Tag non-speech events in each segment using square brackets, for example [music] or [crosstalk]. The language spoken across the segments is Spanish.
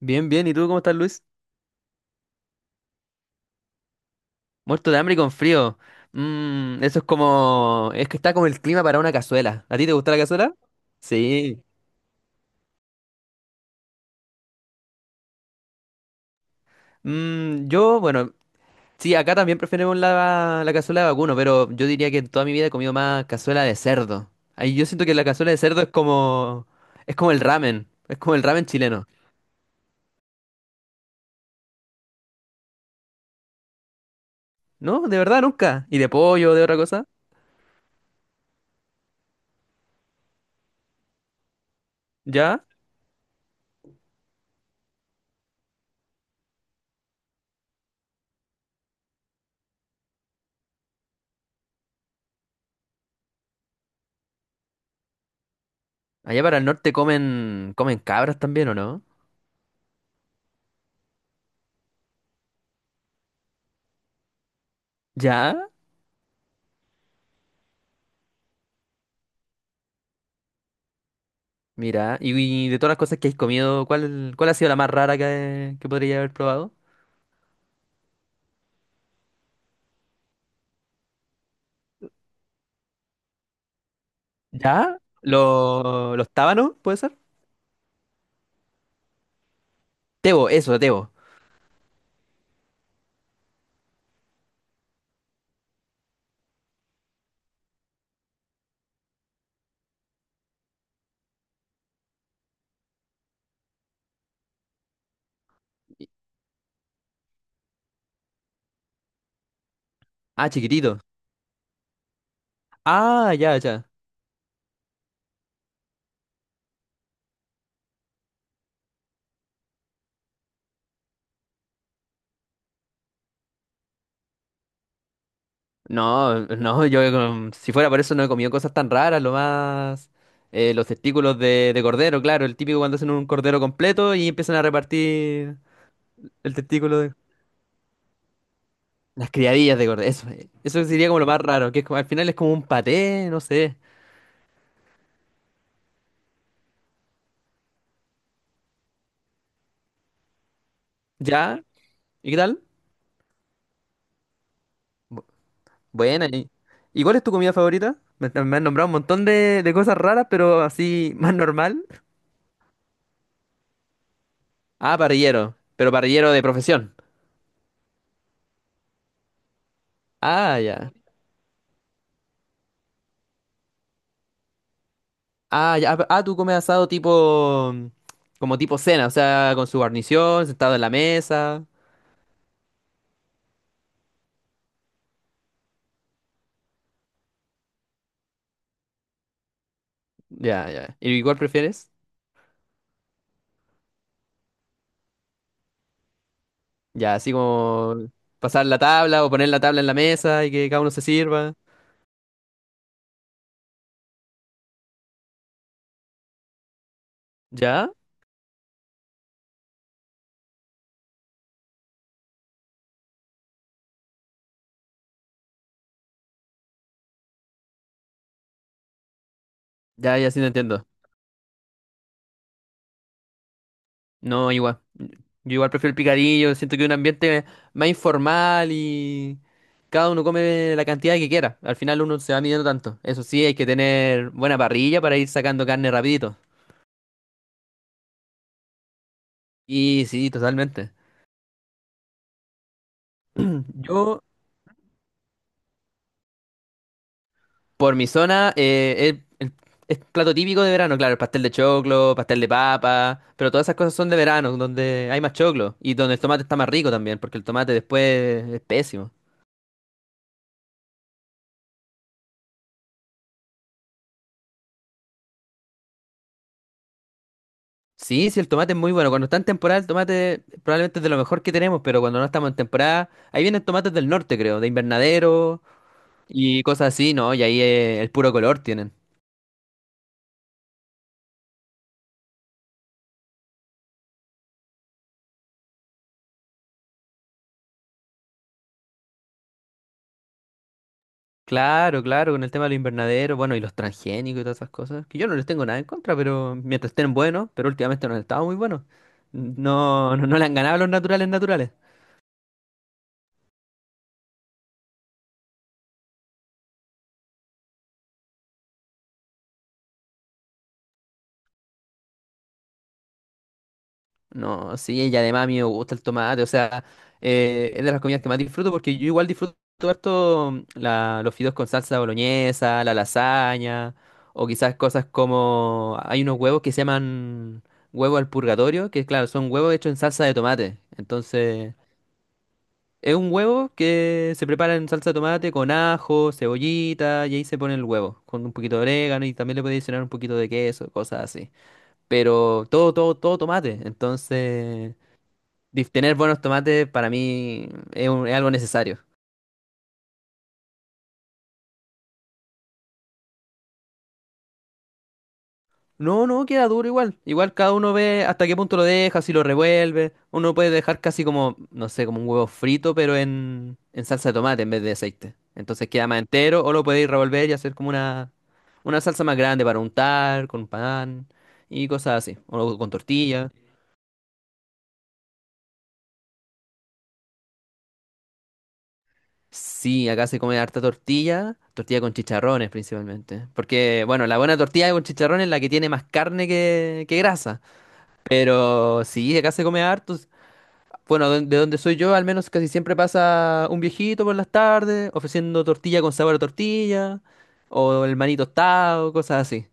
Bien, bien. ¿Y tú cómo estás, Luis? Muerto de hambre y con frío. Eso es como... Es que está como el clima para una cazuela. ¿A ti te gusta la cazuela? Sí. Mm, yo, bueno, sí, acá también preferimos la cazuela de vacuno, pero yo diría que en toda mi vida he comido más cazuela de cerdo. Ahí yo siento que la cazuela de cerdo es como... Es como el ramen. Es como el ramen chileno. No, de verdad, nunca. ¿Y de pollo, de otra cosa? ¿Ya? Allá para el norte comen... comen cabras también, ¿o no? ¿Ya? Mira, y de todas las cosas que has comido, ¿cuál ha sido la más rara que podría haber probado? ¿Ya? Los tábanos, puede ser? Tebo, eso, tebo. Ah, chiquitito. Ah, ya, ya. No, no, yo, si fuera por eso no he comido cosas tan raras, lo más... los testículos de cordero, claro, el típico cuando hacen un cordero completo y empiezan a repartir el testículo de... Las criadillas de cordero, eso, eso sería como lo más raro, que es como- al final es como un paté, no sé. ¿Ya? ¿Y qué tal? Buena. ¿Y cuál es tu comida favorita? Me han nombrado un montón de cosas raras, pero así [laughs] más normal. Ah, parrillero. Pero parrillero de profesión. Ah, ya. Ah, ya. Ah, tú comes asado tipo... Como tipo cena, o sea, con su guarnición, sentado en la mesa. Ya, ya. ¿Y cuál prefieres? Ya, así como pasar la tabla o poner la tabla en la mesa y que cada uno se sirva. ¿Ya? Ya, ya, sí te entiendo. No, igual. Yo igual prefiero el picadillo, siento que es un ambiente más informal y cada uno come la cantidad que quiera. Al final uno se va midiendo tanto. Eso sí, hay que tener buena parrilla para ir sacando carne rapidito. Y sí, totalmente. [clears throat] Yo, por mi zona, es plato típico de verano, claro, el pastel de choclo, pastel de papa, pero todas esas cosas son de verano, donde hay más choclo y donde el tomate está más rico también, porque el tomate después es pésimo. Sí, sí, el tomate es muy bueno. Cuando está en temporada, el tomate probablemente es de lo mejor que tenemos, pero cuando no estamos en temporada, ahí vienen tomates del norte, creo, de invernadero y cosas así, ¿no? Y ahí el puro color tienen. Claro, claro, con el tema de los invernaderos, bueno, y los transgénicos y todas esas cosas, que yo no les tengo nada en contra, pero mientras estén buenos, pero últimamente no han estado muy buenos. No le han ganado a los naturales naturales. No, sí, y además a mí me gusta el tomate, o sea, es de las comidas que más disfruto porque yo igual disfruto harto, los fideos con salsa boloñesa, la lasaña, o quizás cosas como, hay unos huevos que se llaman huevo al purgatorio, que claro, son huevos hechos en salsa de tomate, entonces es un huevo que se prepara en salsa de tomate con ajo, cebollita, y ahí se pone el huevo, con un poquito de orégano y también le puede adicionar un poquito de queso, cosas así, pero todo tomate, entonces tener buenos tomates para mí es algo necesario. No, no, queda duro igual. Igual cada uno ve hasta qué punto lo deja, si lo revuelve. Uno puede dejar casi como, no sé, como un huevo frito, pero en salsa de tomate en vez de aceite. Entonces queda más entero o lo podéis revolver y hacer como una salsa más grande para untar, con pan y cosas así. O con tortilla. Sí, acá se come harta tortilla, tortilla con chicharrones principalmente. Porque, bueno, la buena tortilla con chicharrones es la que tiene más carne que grasa. Pero sí, acá se come harto. Bueno, de donde soy yo, al menos casi siempre pasa un viejito por las tardes ofreciendo tortilla con sabor a tortilla, o el maní tostado, cosas así.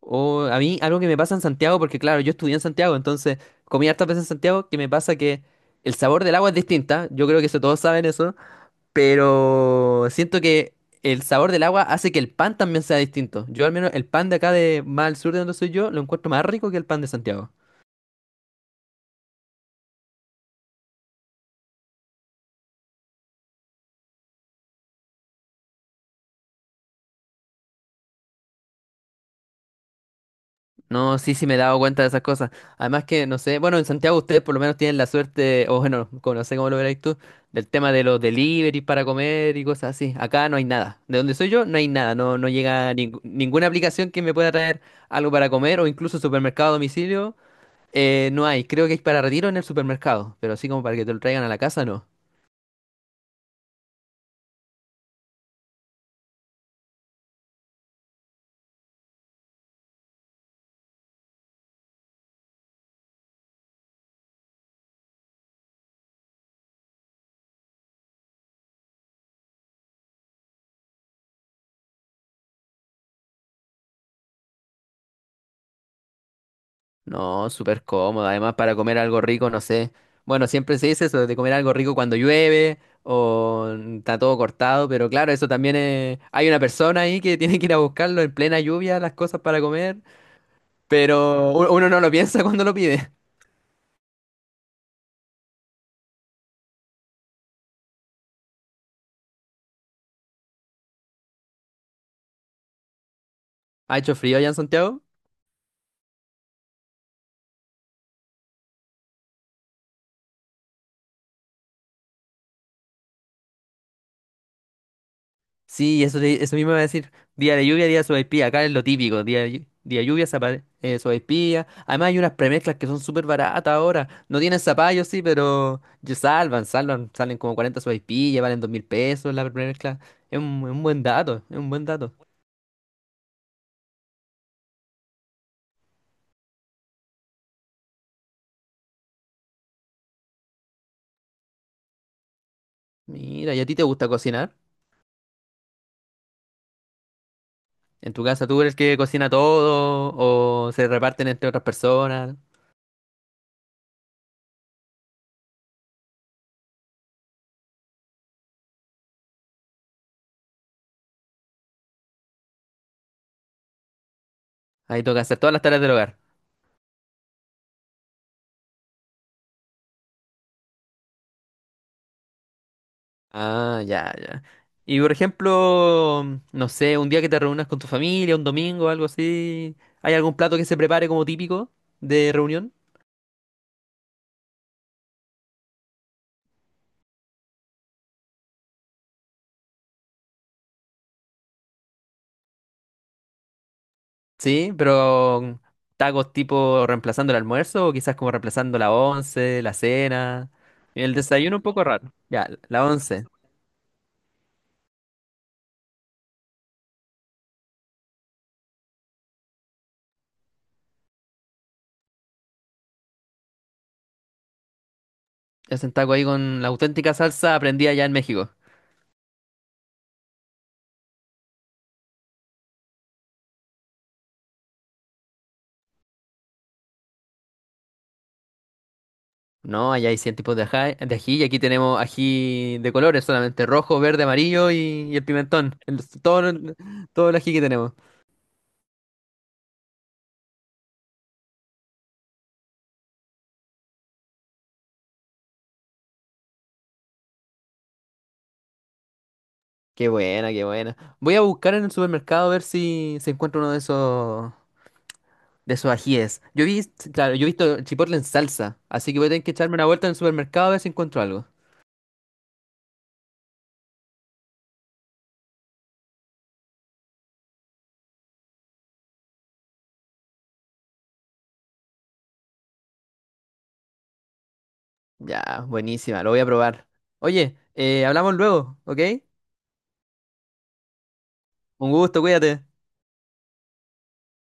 O a mí, algo que me pasa en Santiago, porque claro, yo estudié en Santiago, entonces comí hartas veces en Santiago, que me pasa que el sabor del agua es distinta. Yo creo que eso todos saben eso, pero siento que el sabor del agua hace que el pan también sea distinto. Yo, al menos, el pan de acá, de más al sur de donde soy yo, lo encuentro más rico que el pan de Santiago. No, sí, sí me he dado cuenta de esas cosas. Además que, no sé, bueno, en Santiago ustedes por lo menos tienen la suerte, o bueno, no sé cómo lo veréis tú, del tema de los delivery para comer y cosas así. Acá no hay nada. De donde soy yo, no hay nada. No, no llega ninguna aplicación que me pueda traer algo para comer o incluso supermercado a domicilio. No hay. Creo que hay para retiro en el supermercado, pero así como para que te lo traigan a la casa, no. No, súper cómodo. Además, para comer algo rico, no sé. Bueno, siempre se dice eso de comer algo rico cuando llueve o está todo cortado, pero claro, eso también es... Hay una persona ahí que [laughs] tiene que ir a buscarlo en plena lluvia, las cosas para comer, pero uno no lo piensa [laughs] cuando lo pide. ¿Ha hecho frío allá en Santiago? Sí, eso, eso mismo iba a decir. Día de lluvia, día de sopaipilla. Acá es lo típico. Día de lluvia, sopaipilla. Además, hay unas premezclas que son súper baratas ahora. No tienen zapallo, sí, pero ya salvan, salvan. Salen como 40 sopaipillas, valen 2.000 pesos la premezcla. Es un buen dato, es un buen dato. Mira, ¿y a ti te gusta cocinar? ¿En tu casa tú eres el que cocina todo o se reparten entre otras personas? Ahí toca hacer todas las tareas del hogar. Ah, ya, ya. Y por ejemplo, no sé, un día que te reúnas con tu familia, un domingo, algo así, ¿hay algún plato que se prepare como típico de reunión? Sí, pero tacos tipo reemplazando el almuerzo o quizás como reemplazando la once, la cena. El desayuno un poco raro. Ya, la once. Es un taco ahí con la auténtica salsa aprendida allá en México. No, allá hay 100 tipos de ají y aquí tenemos ají de colores, solamente rojo, verde, amarillo y el pimentón. Todo el ají que tenemos. Qué buena, qué buena. Voy a buscar en el supermercado a ver si se encuentra uno de esos ajíes. Yo vi, claro, yo he visto el chipotle en salsa, así que voy a tener que echarme una vuelta en el supermercado a ver si encuentro algo. Ya, buenísima, lo voy a probar. Oye, hablamos luego, ¿ok? Un gusto, cuídate.